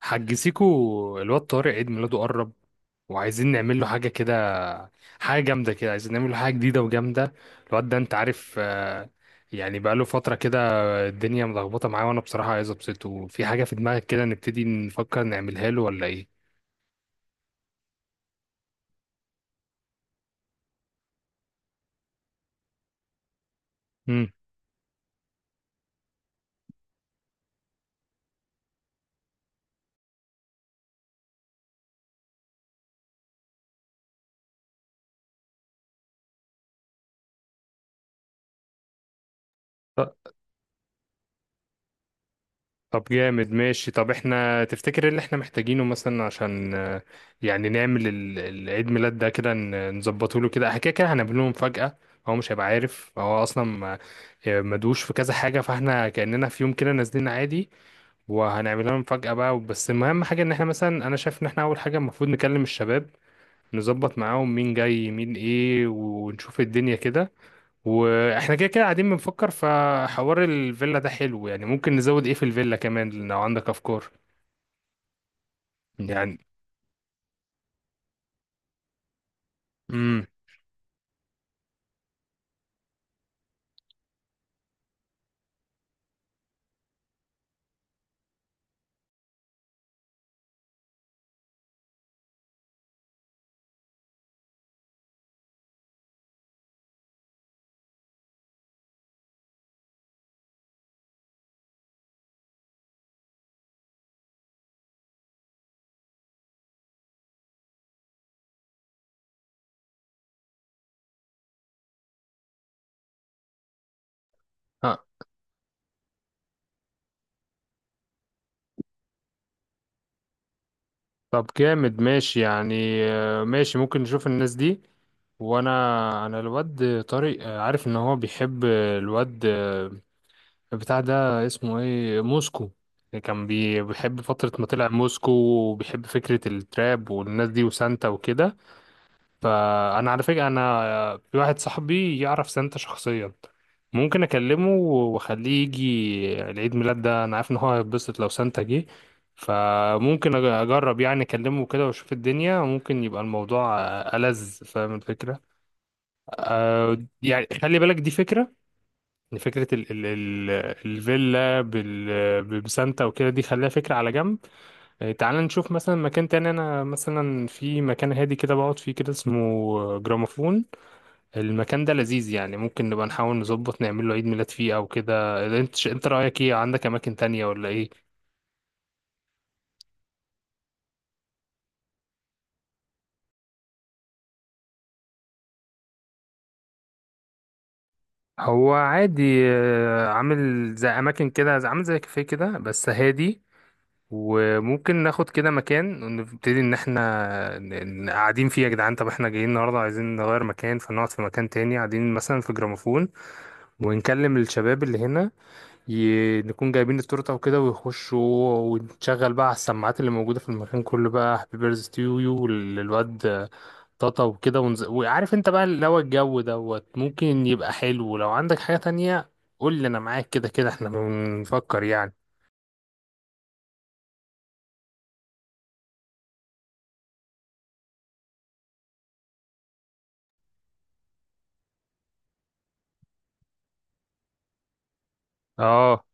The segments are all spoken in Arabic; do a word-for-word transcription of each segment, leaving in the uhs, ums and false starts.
حاج سيكو الواد طارق عيد ميلاده قرب وعايزين نعمل له حاجة كده، حاجة جامدة كده. عايزين نعمل له حاجة جديدة وجامدة. الواد ده انت عارف، آه، يعني بقاله فترة كده، الدنيا ملخبطة معاه. وانا بصراحة عايز ابسطه في حاجة. في دماغك كده نبتدي نفكر نعملها له ولا ايه؟ مم. طب جامد ماشي. طب احنا تفتكر ايه اللي احنا محتاجينه مثلا عشان آه، يعني نعمل ال- ال- العيد ميلاد ده كده، ن- نظبطه له كده. احنا كده كده هنعمل له مفاجأة. هو مش هيبقى عارف، هو اصلا ما- آه، مدوش في كذا حاجة. فاحنا كأننا في يوم كده نازلين عادي، وهنعمل لهم مفاجأة بقى. بس المهم حاجة ان احنا مثلا، انا شايف ان احنا اول حاجة المفروض نكلم الشباب، نظبط معاهم مين جاي مين ايه ونشوف الدنيا كده. واحنا كده كده قاعدين بنفكر، فحوار الفيلا ده حلو. يعني ممكن نزود ايه في الفيلا كمان لو عندك افكار يعني. امم. ها. طب جامد ماشي يعني. آه، ماشي، ممكن نشوف الناس دي. وانا انا الواد طارق، آه، عارف ان هو بيحب الواد، آه، بتاع ده اسمه ايه، موسكو. كان بي- بيحب فترة ما طلع موسكو، وبيحب فكرة التراب والناس دي وسانتا وكده. فانا على فكره انا في واحد صاحبي يعرف سانتا شخصيا، ممكن اكلمه واخليه يجي العيد ميلاد ده. انا عارف ان هو هيتبسط لو سانتا جه. فممكن أج- اجرب يعني اكلمه كده واشوف الدنيا، ممكن يبقى الموضوع ألذ. فاهم الفكره؟ أه. يعني خلي بالك، دي فكره. إن فكره ال ال ال الفيلا بال بسانتا وكده دي خليها فكره على جنب. آه، تعال نشوف مثلا مكان تاني. انا مثلا في مكان هادي كده بقعد فيه كده اسمه جراموفون. المكان ده لذيذ يعني، ممكن نبقى نحاول نظبط نعمل له عيد ميلاد فيه او كده. انت ش- انت رأيك ايه؟ عندك اماكن تانية ولا ايه؟ هو عادي، آه، عامل زي اماكن كده، زي- عامل زي كافيه كده بس هادي. وممكن ناخد كده مكان ونبتدي ان احنا ن- ن- قاعدين فيه. يا جدعان، طب احنا جايين النهارده عايزين نغير مكان، فنقعد في مكان تاني قاعدين مثلا في جراموفون، ونكلم الشباب اللي هنا. ي... نكون جايبين التورته وكده ويخشوا، ونشغل بقى على السماعات اللي موجوده في المكان كله بقى هابي بيرث تو يو للواد طاطا وكده. ونز... وعارف انت بقى اللي هو الجو دوت، ممكن يبقى حلو. لو عندك حاجه تانية قول لي، انا معاك. كده كده احنا بنفكر يعني. اه.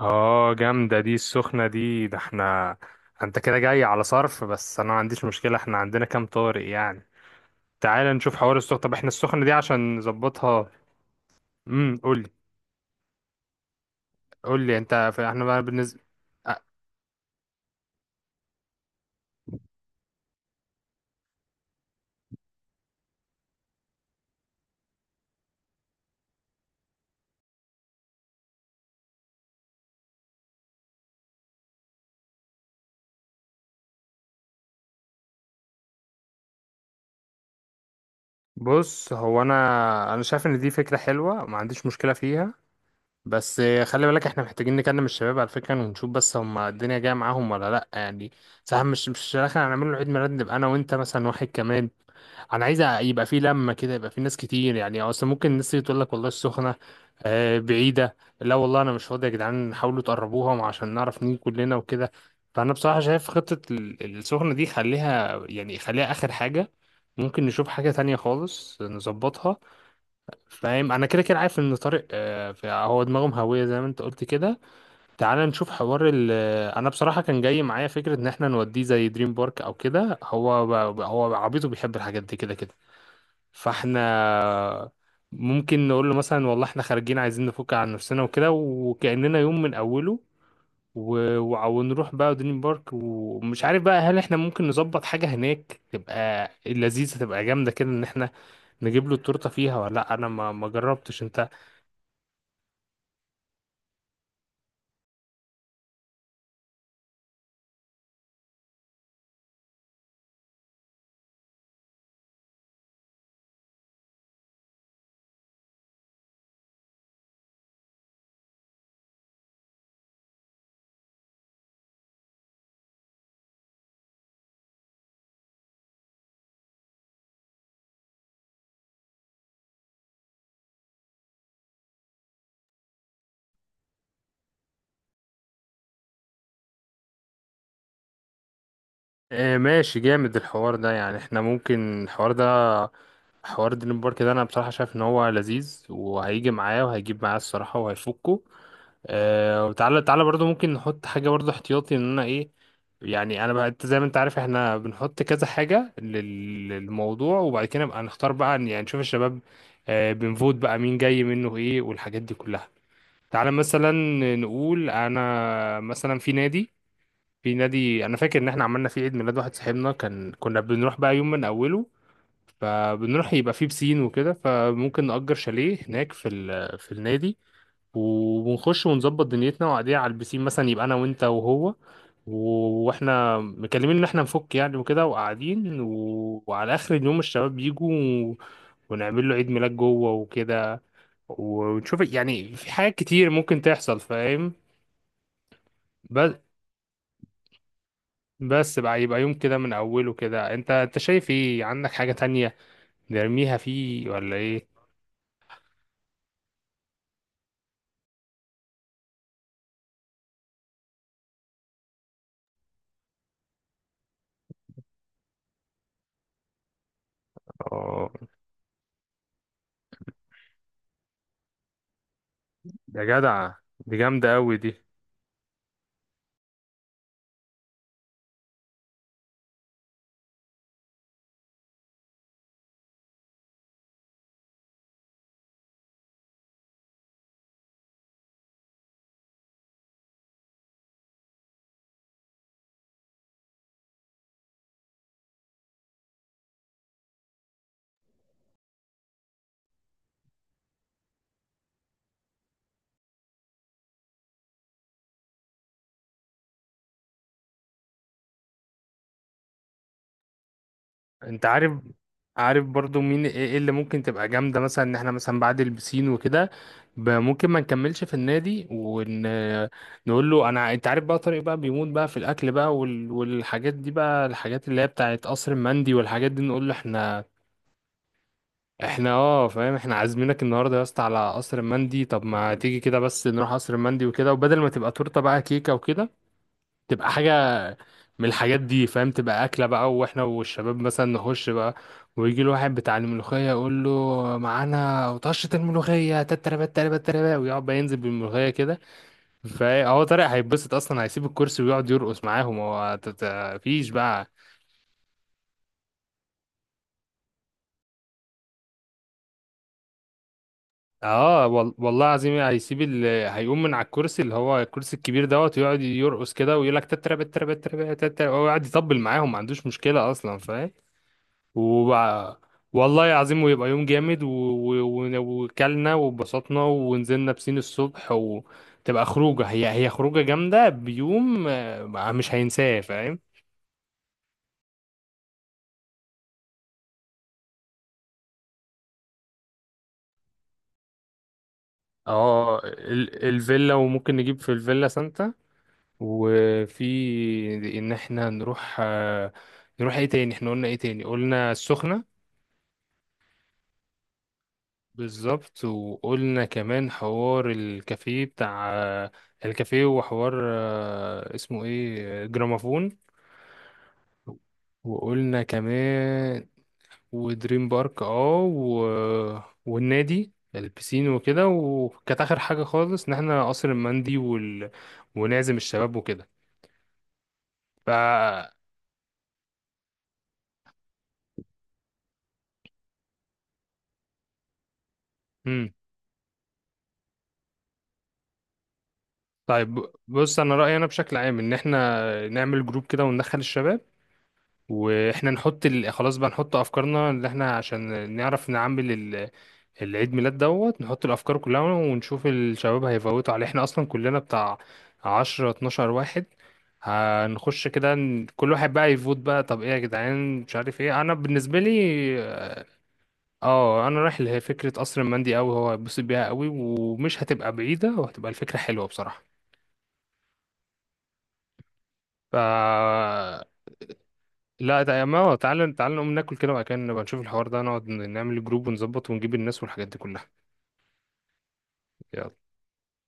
اه جامده دي السخنه دي. ده احنا انت كده جاي على صرف، بس انا ما عنديش مشكله. احنا عندنا كام طارق يعني؟ تعال نشوف حوار السخنه. طب احنا السخنه دي عشان نظبطها. امم. قول لي. قول لي انت في احنا بقى بالنسبه أ- بص، هو انا انا شايف ان دي فكره حلوه، ما عنديش مشكله فيها. بس خلي بالك احنا محتاجين نكلم الشباب على فكره، ونشوف بس هم الدنيا جايه معاهم ولا لا يعني. صح؟ مش مش في الاخر هنعمل له عيد ميلاد نبقى انا وانت مثلا، واحد كمان. انا عايز يبقى في لمه كده، يبقى في ناس كتير. يعني اصلا ممكن الناس اللي تقول لك والله السخنه آه، بعيده، لا والله انا مش فاضي يا جدعان، حاولوا تقربوها عشان نعرف نيجي كلنا وكده. فانا بصراحه شايف خطه ال- السخنه دي خليها، يعني خليها اخر حاجه. ممكن نشوف حاجه تانية خالص نظبطها. فاهم؟ انا كده كده عارف ان طارق، آه، ف- هو دماغه مهويه زي ما انت قلت كده. تعال نشوف حوار ال آه، انا بصراحه كان جاي معايا فكره ان احنا نوديه زي دريم بارك او كده. هو ب- هو عبيطه، بيحب الحاجات دي كده كده. فاحنا ممكن نقول له مثلا والله احنا خارجين عايزين نفك عن نفسنا وكده، وكأننا يوم من أوله و... وع- ونروح بقى دريم بارك. ومش عارف بقى هل احنا ممكن نظبط حاجة هناك تبقى لذيذة، تبقى جامدة كده، ان احنا نجيب له التورتة فيها ولا لا. انا ما ما جربتش انت. اه ماشي، جامد الحوار ده. يعني احنا ممكن الحوار ده، حوار دريم بارك ده، انا بصراحة شايف ان هو لذيذ وهيجي معايا وهيجيب معايا الصراحة وهيفكه. آه. وتعالى تعالى برضو ممكن نحط حاجة برضو احتياطي، ان انا ايه يعني. انا بقى انت زي ما انت عارف احنا بنحط كذا حاجة لل- للموضوع، وبعد كده نبقى نختار بقى عن- يعني نشوف الشباب، آه، بنفوت بقى مين جاي منه ايه والحاجات دي كلها. تعالى مثلا نقول انا مثلا في نادي في نادي انا فاكر ان احنا عملنا فيه عيد ميلاد واحد صاحبنا، كان كنا بنروح بقى يوم من اوله. فبنروح يبقى فيه بسين وكده، فممكن نأجر شاليه هناك في ال... في النادي. وبنخش ونظبط دنيتنا وقاعدين على البسين مثلا، يبقى انا وانت وهو و- واحنا مكلمين ان احنا نفك يعني وكده، وقاعدين و... وعلى اخر اليوم الشباب بيجوا و... ونعمل له عيد ميلاد جوه وكده. ونشوف يعني في حاجات كتير ممكن تحصل فاهم. بس بس بقى يبقى يوم كده من اوله كده. انت انت شايف ايه؟ عندك حاجة تانية نرميها فيه ولا ايه؟ آه. يا جدع دي جامدة أوي دي. أنت عارف؟ عارف برضو مين إيه إيه اللي ممكن تبقى جامدة، مثلا إن إحنا مثلا بعد البسين وكده ب- ممكن ما نكملش في النادي، ونقول له أنا، أنت عارف بقى طارق بقى بيموت بقى في الأكل بقى وال... والحاجات دي بقى، الحاجات اللي هي بتاعت قصر المندي والحاجات دي. نقول له إحنا إحنا أه فاهم، إحنا عازمينك النهاردة يا اسطى على قصر المندي. طب ما تيجي كده بس نروح قصر المندي وكده، وبدل ما تبقى تورتة بقى كيكة وكده، تبقى حاجة من الحاجات دي فاهم، تبقى أكلة بقى. وإحنا والشباب مثلا نخش بقى، ويجي له واحد بتاع الملوخية يقول له معانا طشة الملوخية، تتربة تتربة تتربة، ويقعد بقى ينزل بالملوخية كده. فهو طارق هيتبسط أصلا، هيسيب الكرسي ويقعد يرقص معاهم. هو ت- ت- مفيش بقى. اه وال- والله العظيم هيسيب ال... هيقوم من على الكرسي اللي هو الكرسي الكبير دوت، ويقعد يرقص كده ويقول لك تتربة تتربة تتربة تتربة، ويقعد يطبل معاهم. ما عندوش مشكلة أصلا فاهم. وبقى والله العظيم، ويبقى يوم جامد و... و... و- وكلنا واتبسطنا ونزلنا بسين الصبح، وتبقى خروجة، هي هي خروجة جامدة بيوم آه، مش هينساه فاهم. اه ال... الفيلا، وممكن نجيب في الفيلا سانتا. وفي ان احنا نروح، آه، نروح ايه تاني، احنا قلنا ايه تاني؟ قلنا السخنة. بالظبط. وقلنا كمان حوار الكافيه بتاع، آه، الكافيه، وحوار آه، اسمه ايه، آه، جرامافون. وقلنا كمان، ودريم بارك. اه و... والنادي البسين وكده. وكانت اخر حاجه خالص ان احنا قصر المندي وال... ونعزم الشباب وكده. ف امم طيب، بص انا رايي، انا بشكل عام ان احنا نعمل جروب كده وندخل الشباب، واحنا نحط ال... خلاص بقى نحط افكارنا اللي احنا، عشان نعرف نعمل ال... العيد ميلاد دوت. نحط الافكار كلها، ونشوف الشباب هيفوتوا عليه. احنا اصلا كلنا بتاع عشرة اتناشر واحد، هنخش كده ن- كل واحد بقى يفوت بقى. طب ايه يا جدعان؟ مش عارف ايه، انا بالنسبة لي اه، آه، انا رايح لفكرة قصر المندي قوي. هو هيتبسط بيها قوي ومش هتبقى بعيدة، وهتبقى الفكرة حلوة بصراحة. ف لا تع- ما هو تعالى تعالى نقوم ناكل كده، وبعد كده نبقى نشوف الحوار ده، نقعد نعمل جروب ونظبط ونجيب الناس والحاجات دي كلها. يلا.